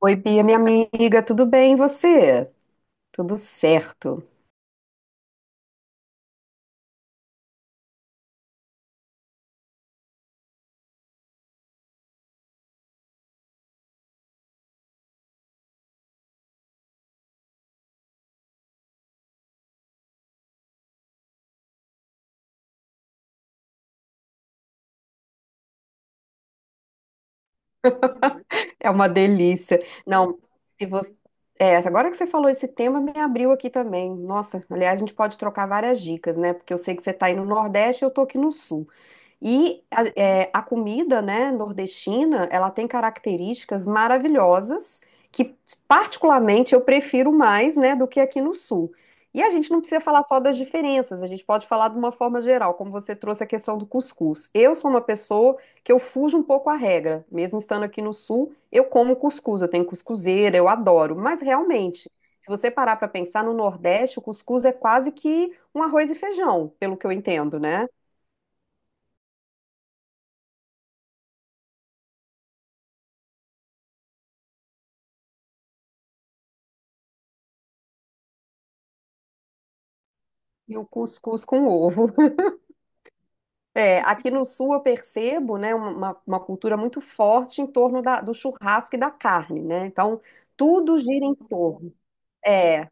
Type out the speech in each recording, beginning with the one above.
Oi, Bia, minha amiga, tudo bem? E você? Tudo certo. É uma delícia. Não, se você... É, agora que você falou esse tema, me abriu aqui também. Nossa, aliás, a gente pode trocar várias dicas, né? Porque eu sei que você está aí no Nordeste e eu tô aqui no Sul. A comida, né, nordestina, ela tem características maravilhosas que, particularmente, eu prefiro mais, né, do que aqui no sul. E a gente não precisa falar só das diferenças, a gente pode falar de uma forma geral, como você trouxe a questão do cuscuz. Eu sou uma pessoa que eu fujo um pouco à regra, mesmo estando aqui no sul, eu como cuscuz, eu tenho cuscuzeira, eu adoro, mas realmente, se você parar para pensar no Nordeste, o cuscuz é quase que um arroz e feijão, pelo que eu entendo, né? E o cuscuz com ovo. É, aqui no sul eu percebo, né, uma cultura muito forte em torno do churrasco e da carne, né? Então, tudo gira em torno. É,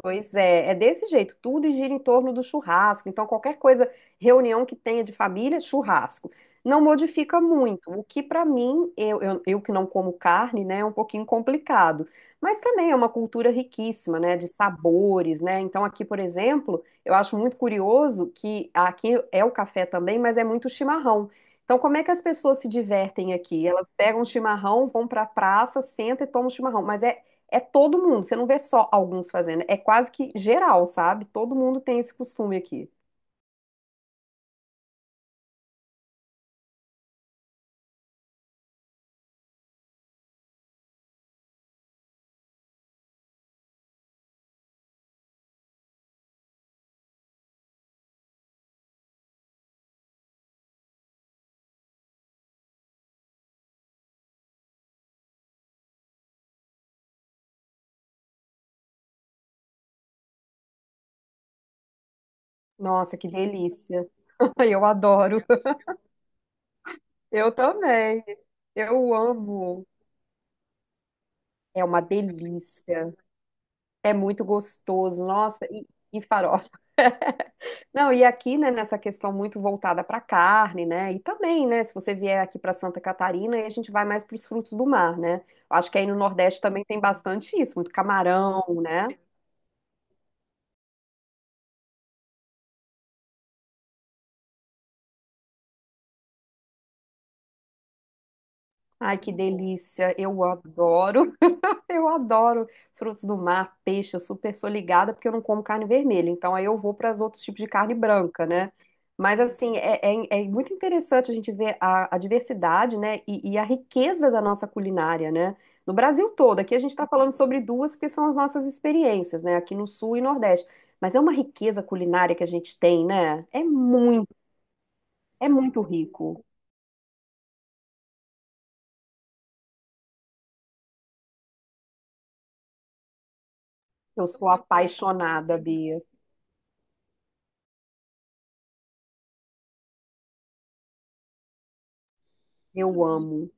pois é, é desse jeito, tudo gira em torno do churrasco. Então, qualquer coisa, reunião que tenha de família, churrasco. Não modifica muito, o que para mim, eu que não como carne, né, é um pouquinho complicado. Mas também é uma cultura riquíssima, né, de sabores, né? Então, aqui, por exemplo, eu acho muito curioso que aqui é o café também, mas é muito chimarrão. Então, como é que as pessoas se divertem aqui? Elas pegam o chimarrão, vão para a praça, sentam e tomam chimarrão. Mas é todo mundo, você não vê só alguns fazendo, é quase que geral, sabe? Todo mundo tem esse costume aqui. Nossa, que delícia. Eu adoro. Eu também. Eu amo. É uma delícia. É muito gostoso. Nossa, e farofa. Não, e aqui, né, nessa questão muito voltada para carne, né? E também, né, se você vier aqui para Santa Catarina, aí a gente vai mais para os frutos do mar, né? Acho que aí no Nordeste também tem bastante isso, muito camarão, né? Ai, que delícia. Eu adoro. Eu adoro frutos do mar, peixe, eu super sou ligada porque eu não como carne vermelha, então aí eu vou para os outros tipos de carne branca, né? Mas assim, é muito interessante a gente ver a diversidade, né? E a riqueza da nossa culinária, né? No Brasil todo, aqui a gente está falando sobre duas que são as nossas experiências, né? Aqui no Sul e Nordeste. Mas é uma riqueza culinária que a gente tem, né? É muito rico. Eu sou apaixonada, Bia. Eu amo.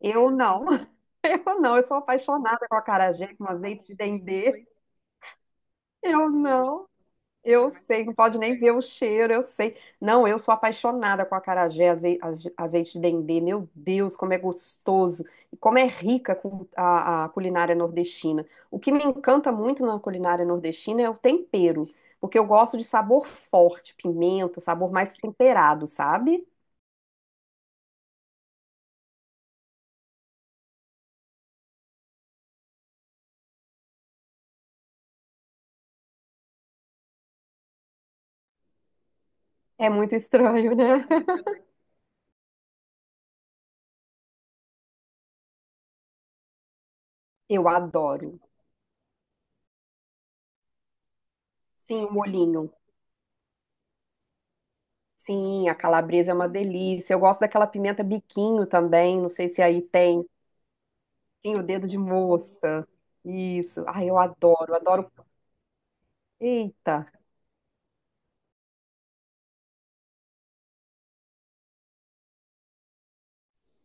Eu não. Eu não, eu sou apaixonada com acarajé, com azeite de dendê. Eu não, eu sei, não pode nem ver o cheiro, eu sei. Não, eu sou apaixonada com acarajé, azeite de dendê. Meu Deus, como é gostoso e como é rica com a culinária nordestina. O que me encanta muito na culinária nordestina é o tempero, porque eu gosto de sabor forte, pimenta, sabor mais temperado, sabe? É muito estranho, né? Eu adoro. Sim, o molhinho. Sim, a calabresa é uma delícia. Eu gosto daquela pimenta biquinho também. Não sei se aí tem. Sim, o dedo de moça. Isso. Ai, eu adoro, adoro. Eita!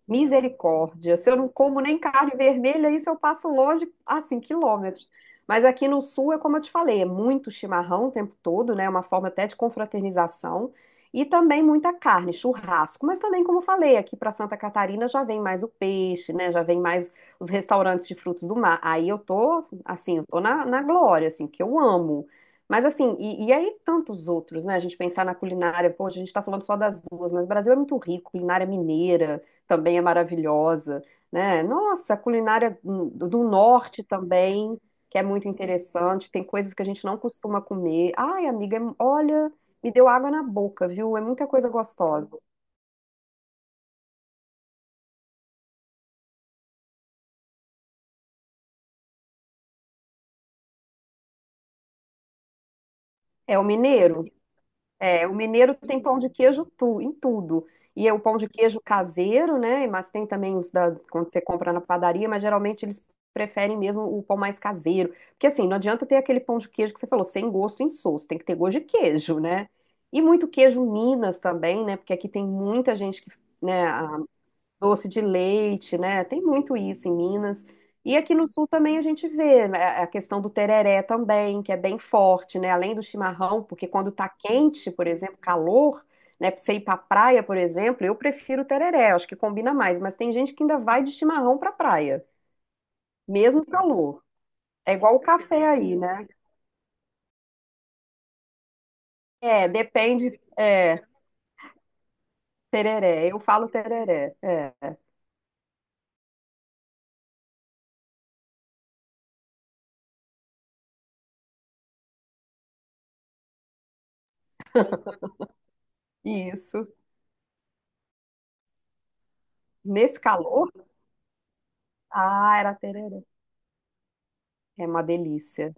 Misericórdia. Se eu não como nem carne vermelha, isso eu passo longe, assim, quilômetros. Mas aqui no sul é como eu te falei, é muito chimarrão o tempo todo, né? É uma forma até de confraternização. E também muita carne, churrasco. Mas também, como eu falei, aqui para Santa Catarina já vem mais o peixe, né? Já vem mais os restaurantes de frutos do mar. Aí eu tô, assim, eu tô na glória, assim, que eu amo. Mas assim, e aí tantos outros, né? A gente pensar na culinária, pô, a gente tá falando só das duas, mas o Brasil é muito rico, culinária mineira também é maravilhosa, né? Nossa, a culinária do norte também, que é muito interessante, tem coisas que a gente não costuma comer. Ai, amiga, olha, me deu água na boca, viu? É muita coisa gostosa. É o mineiro. É, o mineiro tem pão de queijo tu, em tudo. E é o pão de queijo caseiro, né? Mas tem também os da, quando você compra na padaria, mas geralmente eles preferem mesmo o pão mais caseiro. Porque assim, não adianta ter aquele pão de queijo que você falou, sem gosto insosso, tem que ter gosto de queijo, né? E muito queijo Minas também, né? Porque aqui tem muita gente que, né, doce de leite, né? Tem muito isso em Minas. E aqui no sul também a gente vê né, a questão do tereré também, que é bem forte, né? Além do chimarrão, porque quando tá quente, por exemplo, calor, né? Pra você ir pra praia, por exemplo, eu prefiro o tereré, acho que combina mais. Mas tem gente que ainda vai de chimarrão pra praia, mesmo calor. É igual o café aí, né? É, depende. É, tereré. Eu falo tereré. É, isso. Nesse calor, ah, era tereré. É uma delícia.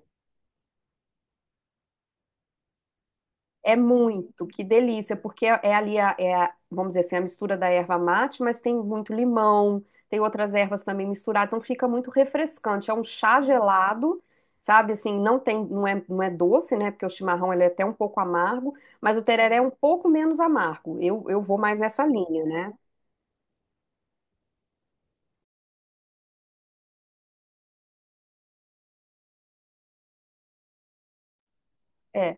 Que delícia, porque é ali vamos dizer assim, a mistura da erva mate, mas tem muito limão, tem outras ervas também misturadas, então fica muito refrescante. É um chá gelado, sabe? Assim, não tem, não é doce, né? Porque o chimarrão ele é até um pouco amargo, mas o tereré é um pouco menos amargo. Eu vou mais nessa linha, né? É.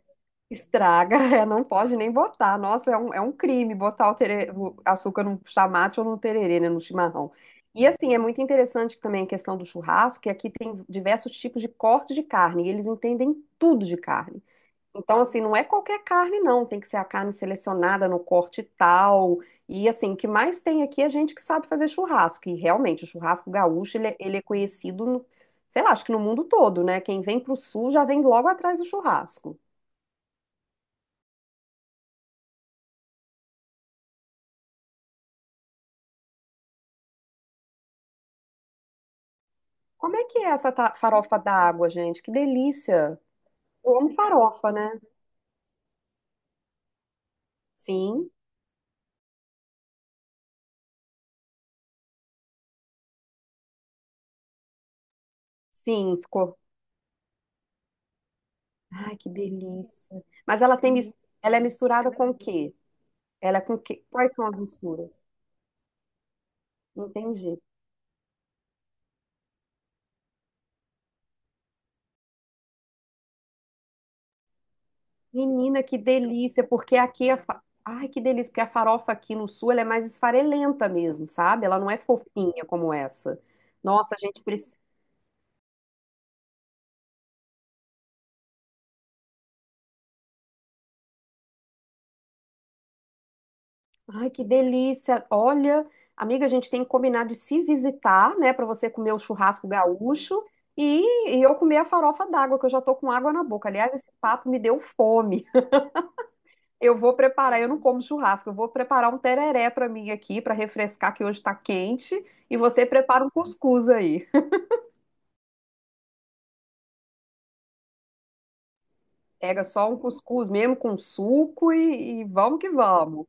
Estraga, é, não pode nem botar. Nossa, é um crime botar o açúcar no chamate ou no tererê, né, no chimarrão. E assim, é muito interessante também a questão do churrasco, que aqui tem diversos tipos de corte de carne, e eles entendem tudo de carne. Então, assim, não é qualquer carne, não. Tem que ser a carne selecionada no corte tal. E assim, o que mais tem aqui é gente que sabe fazer churrasco. E realmente, o churrasco gaúcho, ele é conhecido, sei lá, acho que no mundo todo, né? Quem vem pro sul já vem logo atrás do churrasco. Como é que é essa farofa d'água, gente? Que delícia! Eu amo farofa, né? Sim, sim, ficou. Ai, que delícia! Mas ela tem, ela é misturada com o quê? Ela é com o quê? Quais são as misturas? Entendi. Menina, que delícia! Porque aqui a fa... Ai, que delícia! Porque a farofa aqui no sul ela é mais esfarelenta mesmo, sabe? Ela não é fofinha como essa. Nossa, a gente... Ai, que delícia! Olha, amiga, a gente tem que combinar de se visitar, né, para você comer o churrasco gaúcho e eu comer a farofa d'água, que eu já tô com água na boca. Aliás, esse papo me deu fome. Eu vou preparar, eu não como churrasco, eu vou preparar um tereré para mim aqui, para refrescar, que hoje tá quente, e você prepara um cuscuz aí. Pega só um cuscuz mesmo com suco e vamos que vamos.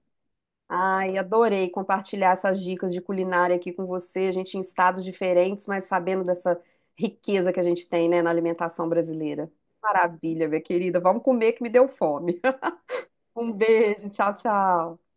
Ai, adorei compartilhar essas dicas de culinária aqui com você. A gente em estados diferentes, mas sabendo dessa riqueza que a gente tem, né, na alimentação brasileira. Maravilha, minha querida. Vamos comer que me deu fome. Um beijo, tchau, tchau.